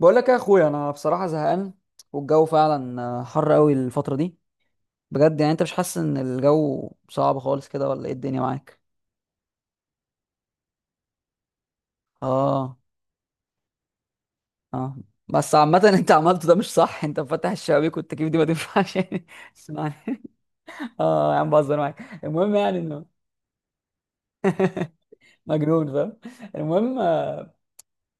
بقول لك يا اخويا انا بصراحه زهقان، والجو فعلا حر قوي الفتره دي. بجد، يعني انت مش حاسس ان الجو صعب خالص كده، ولا ايه الدنيا معاك؟ اه. اه، بس عامه انت عملته ده مش صح، انت مفتح الشبابيك والتكييف دي ما تنفعش يعني. اسمعني. اه يا عم، بهزر معاك. المهم يعني انه مجنون، فاهم؟ المهم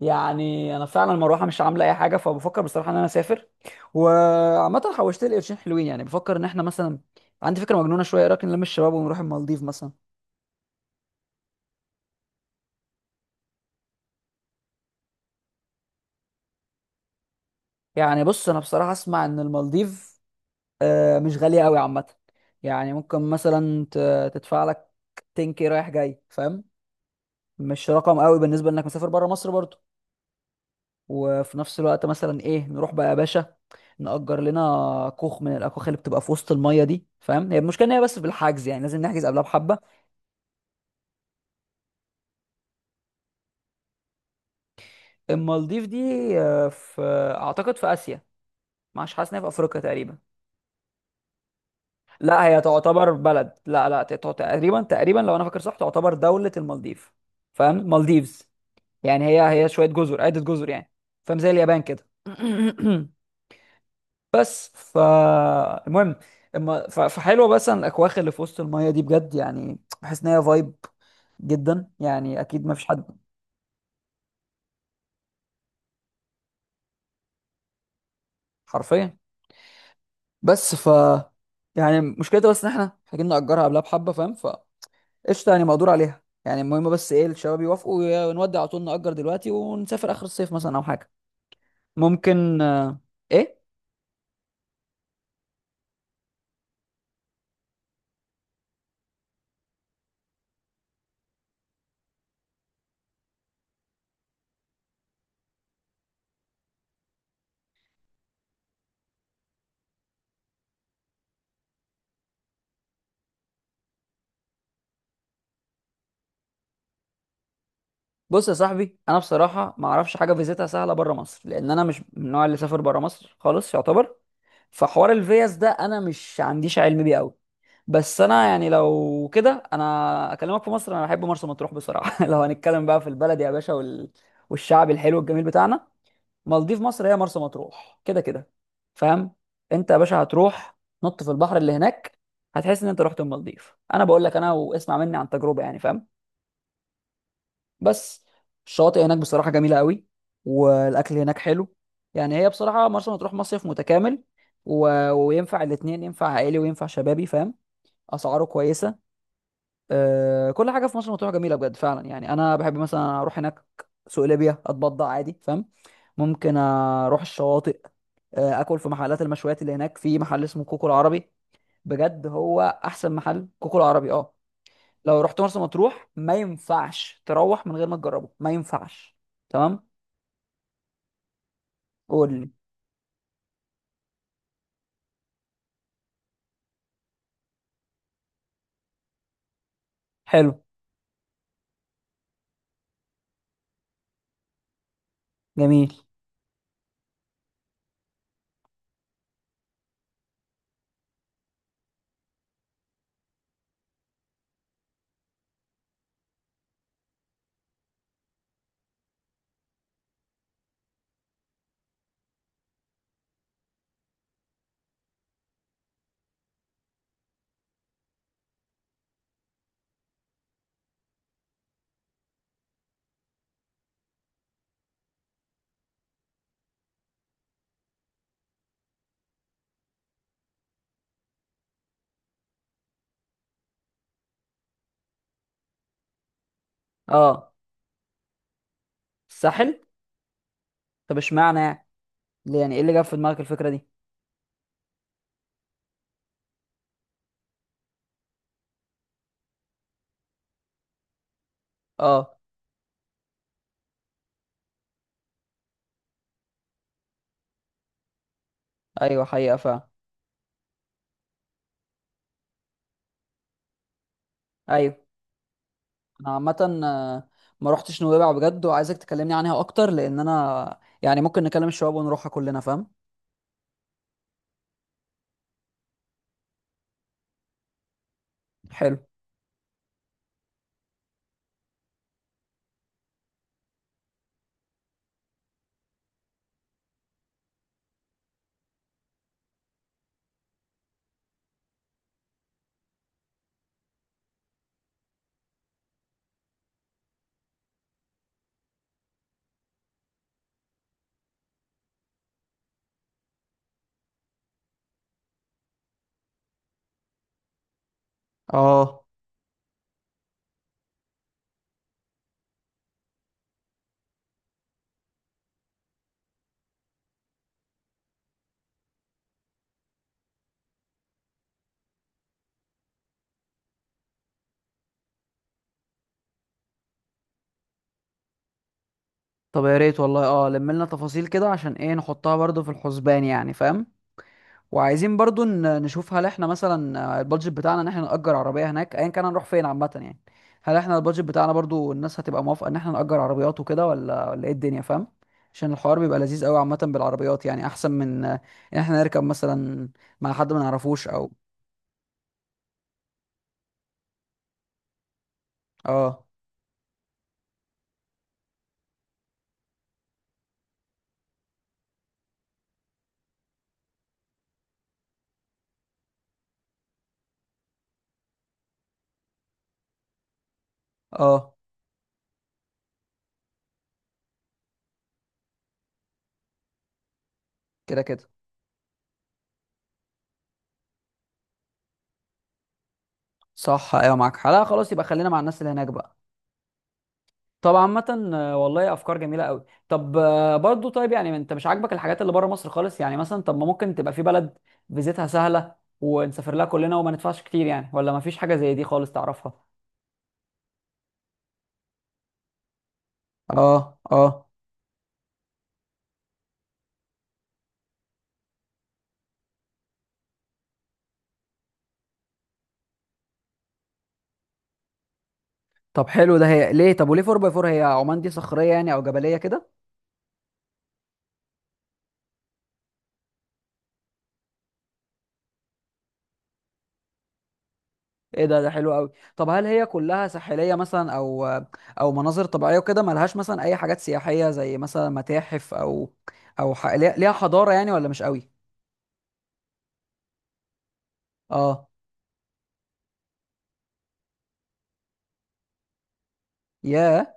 يعني انا فعلا المروحه مش عامله اي حاجه، فبفكر بصراحه ان انا اسافر. وعامه حوشت لي قرشين حلوين، يعني بفكر ان احنا مثلا، عندي فكره مجنونه شويه، إيه رايك نلم الشباب ونروح المالديف مثلا؟ يعني بص، انا بصراحه اسمع ان المالديف مش غاليه قوي عامه. يعني ممكن مثلا تدفع لك 10K رايح جاي فاهم، مش رقم قوي بالنسبه انك مسافر بره مصر برضه. وفي نفس الوقت مثلا ايه، نروح بقى يا باشا، نأجر لنا كوخ من الاكواخ اللي بتبقى في وسط الميه دي، فاهم؟ هي المشكله ان هي بس بالحجز، يعني لازم نحجز قبلها بحبه. المالديف دي في اعتقد في اسيا. مش حاسس ان هي في افريقيا تقريبا؟ لا هي تعتبر بلد، لا لا تقريبا تقريبا لو انا فاكر صح تعتبر دولة المالديف. فاهم مالديفز؟ يعني هي شوية جزر، عدة جزر يعني. فاهم، زي اليابان كده. بس فالمهم، اما فحلوة، بس أن الاكواخ اللي في وسط المية دي بجد يعني بحس ان هي فايب جدا، يعني اكيد ما فيش حد. حرفيا. بس ف يعني مشكلتها بس ان احنا محتاجين نأجرها قبلها بحبة، فاهم. قشطه، يعني مقدور عليها يعني. المهم بس ايه الشباب يوافقوا، ونودي على طول نأجر دلوقتي ونسافر اخر الصيف مثلا او حاجه. ممكن ايه. بص يا صاحبي، انا بصراحه ما اعرفش حاجه فيزيتها سهله بره مصر، لان انا مش من النوع اللي سافر بره مصر خالص يعتبر. فحوار الفيز ده انا مش عنديش علم بيه قوي. بس انا يعني لو كده انا اكلمك في مصر، انا بحب مرسى مطروح بصراحه. لو هنتكلم بقى في البلد يا باشا والشعب الحلو الجميل بتاعنا، مالديف مصر هي مرسى مطروح كده كده. فاهم؟ انت يا باشا هتروح نط في البحر اللي هناك، هتحس ان انت رحت المالديف. انا بقول لك انا، واسمع مني عن تجربه يعني، فاهم. بس الشواطئ هناك بصراحه جميله قوي، والاكل هناك حلو. يعني هي بصراحه مرسى مطروح مصيف متكامل، وينفع الاتنين، ينفع عائلي وينفع شبابي، فاهم. اسعاره كويسه. كل حاجه في مرسى مطروح جميله بجد فعلا، يعني انا بحب مثلا اروح هناك، سوق ليبيا اتبضع عادي، فاهم. ممكن اروح الشواطئ، اكل في محلات المشويات اللي هناك، في محل اسمه كوكو العربي، بجد هو احسن محل، كوكو العربي اه. لو رحت مرسى مطروح ما ينفعش تروح من غير ما تجربه، ما ينفعش. تمام. قول لي. حلو. جميل. اه. الساحل. طب اشمعنى يعني، ليه يعني، ايه اللي جاب في دماغك الفكره دي؟ اه. ايوه حقيقه فعلا. ايوه. انا عامه آه، ما رحتش نويبع بجد، وعايزك تكلمني عنها اكتر، لان انا يعني ممكن نكلم الشباب ونروحها كلنا، فاهم. حلو. اه. طب يا ريت والله، اه لم لنا تفاصيل كده عشان ايه نحطها برضو في الحسبان، يعني فاهم. وعايزين برضو نشوف هل احنا مثلا البادجت بتاعنا ان احنا نأجر عربية هناك، ايا كان هنروح فين عامة يعني. هل احنا البادجت بتاعنا برضو الناس هتبقى موافقة ان احنا نأجر عربيات وكده، ولا ايه الدنيا، فاهم. عشان الحوار بيبقى لذيذ قوي عامة بالعربيات، يعني احسن من ان احنا نركب مثلا مع حد ما نعرفوش او. اه. اه. كده كده. صح، ايوه معاك حق. لا خلاص، يبقى خلينا مع الناس اللي هناك بقى. طب عامة والله افكار جميلة قوي. طب برضو طيب، يعني انت مش عاجبك الحاجات اللي بره مصر خالص يعني مثلا؟ طب ما ممكن تبقى في بلد فيزيتها سهلة ونسافر لها كلنا وما ندفعش كتير يعني، ولا ما فيش حاجة زي دي خالص تعرفها؟ اه اه. طب حلو ده. هي ليه، طب وليه 4 باي 4، هي عمان دي صخريه يعني او جبليه كده؟ ايه ده، ده حلو قوي. طب هل هي كلها ساحليه مثلا او او مناظر طبيعيه وكده، ملهاش مثلا اي حاجات سياحيه زي مثلا متاحف، او او ليها حضاره يعني، ولا مش قوي؟ اه. ياه.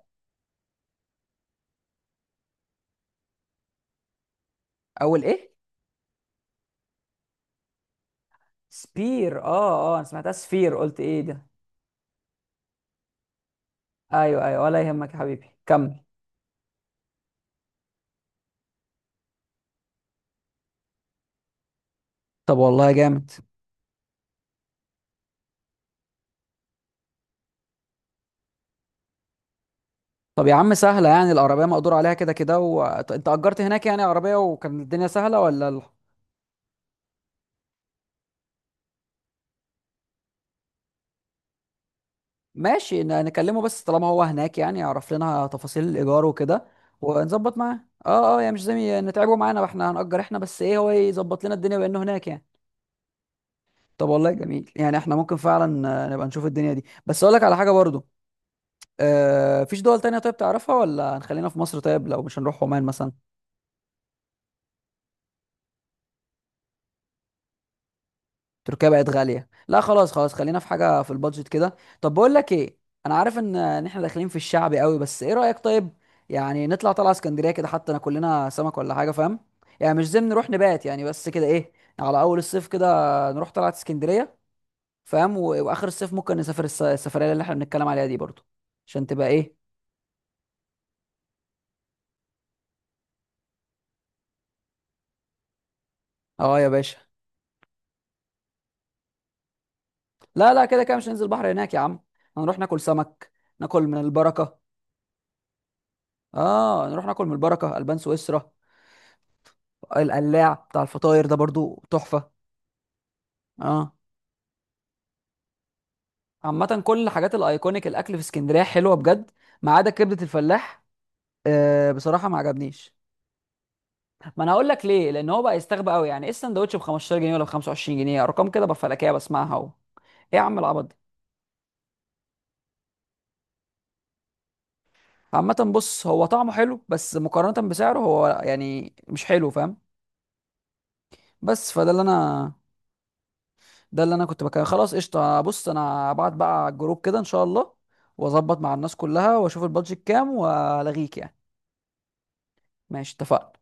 اول ايه؟ سبير اه اه، انا سمعتها سفير قلت ايه ده. ايوه ايوه، ولا يهمك يا حبيبي، كمل. طب والله جامد. طب يا عم سهلة، يعني العربية مقدور عليها كده كده، انت أجرت هناك يعني عربية وكان الدنيا سهلة ولا ماشي، نكلمه، بس طالما هو هناك يعني يعرف لنا تفاصيل الإيجار وكده، ونظبط معاه. اه اه، يعني مش زي نتعبه معانا واحنا هنأجر احنا، بس ايه هو يظبط لنا الدنيا بأنه هناك يعني. طب والله جميل، يعني احنا ممكن فعلا نبقى نشوف الدنيا دي، بس اقول لك على حاجة برضو، فيش دول تانية طيب تعرفها، ولا هنخلينا في مصر؟ طيب لو مش هنروح عمان مثلا؟ تركيا بقت غالية، لا خلاص خلاص، خلينا في حاجة في البادجت كده. طب بقول لك ايه، انا عارف ان احنا داخلين في الشعب قوي، بس ايه رأيك طيب يعني نطلع طلعة اسكندرية كده، حتى ناكل لنا سمك ولا حاجة، فاهم. يعني مش زم نروح نبات يعني، بس كده ايه، على اول الصيف كده نروح طلعة اسكندرية، فاهم، واخر الصيف ممكن نسافر السفرية اللي احنا بنتكلم عليها دي برضو، عشان تبقى ايه. اه يا باشا. لا لا، كده كده مش هننزل بحر هناك يا عم، هنروح ناكل سمك، ناكل من البركه. اه، نروح ناكل من البركه، البان سويسرا، القلاع بتاع الفطاير ده برضو تحفه. اه. عامه كل الحاجات الايكونيك، الاكل في اسكندريه حلوه بجد، ما عدا كبده الفلاح، آه بصراحه ما عجبنيش. ما انا هقول لك ليه، لان هو بقى يستغبى قوي، يعني ايه السندوتش ب 15 جنيه ولا ب 25 جنيه؟ ارقام كده بفلكيه بسمعها، ايه يا عم العبط ده. عامة بص، هو طعمه حلو بس مقارنة بسعره هو يعني مش حلو، فاهم. بس فده اللي انا ده اللي انا كنت بكلم. خلاص قشطه، بص انا هبعت بقى على الجروب كده ان شاء الله، واظبط مع الناس كلها واشوف البادجت كام والغيك يعني. ماشي، اتفقنا.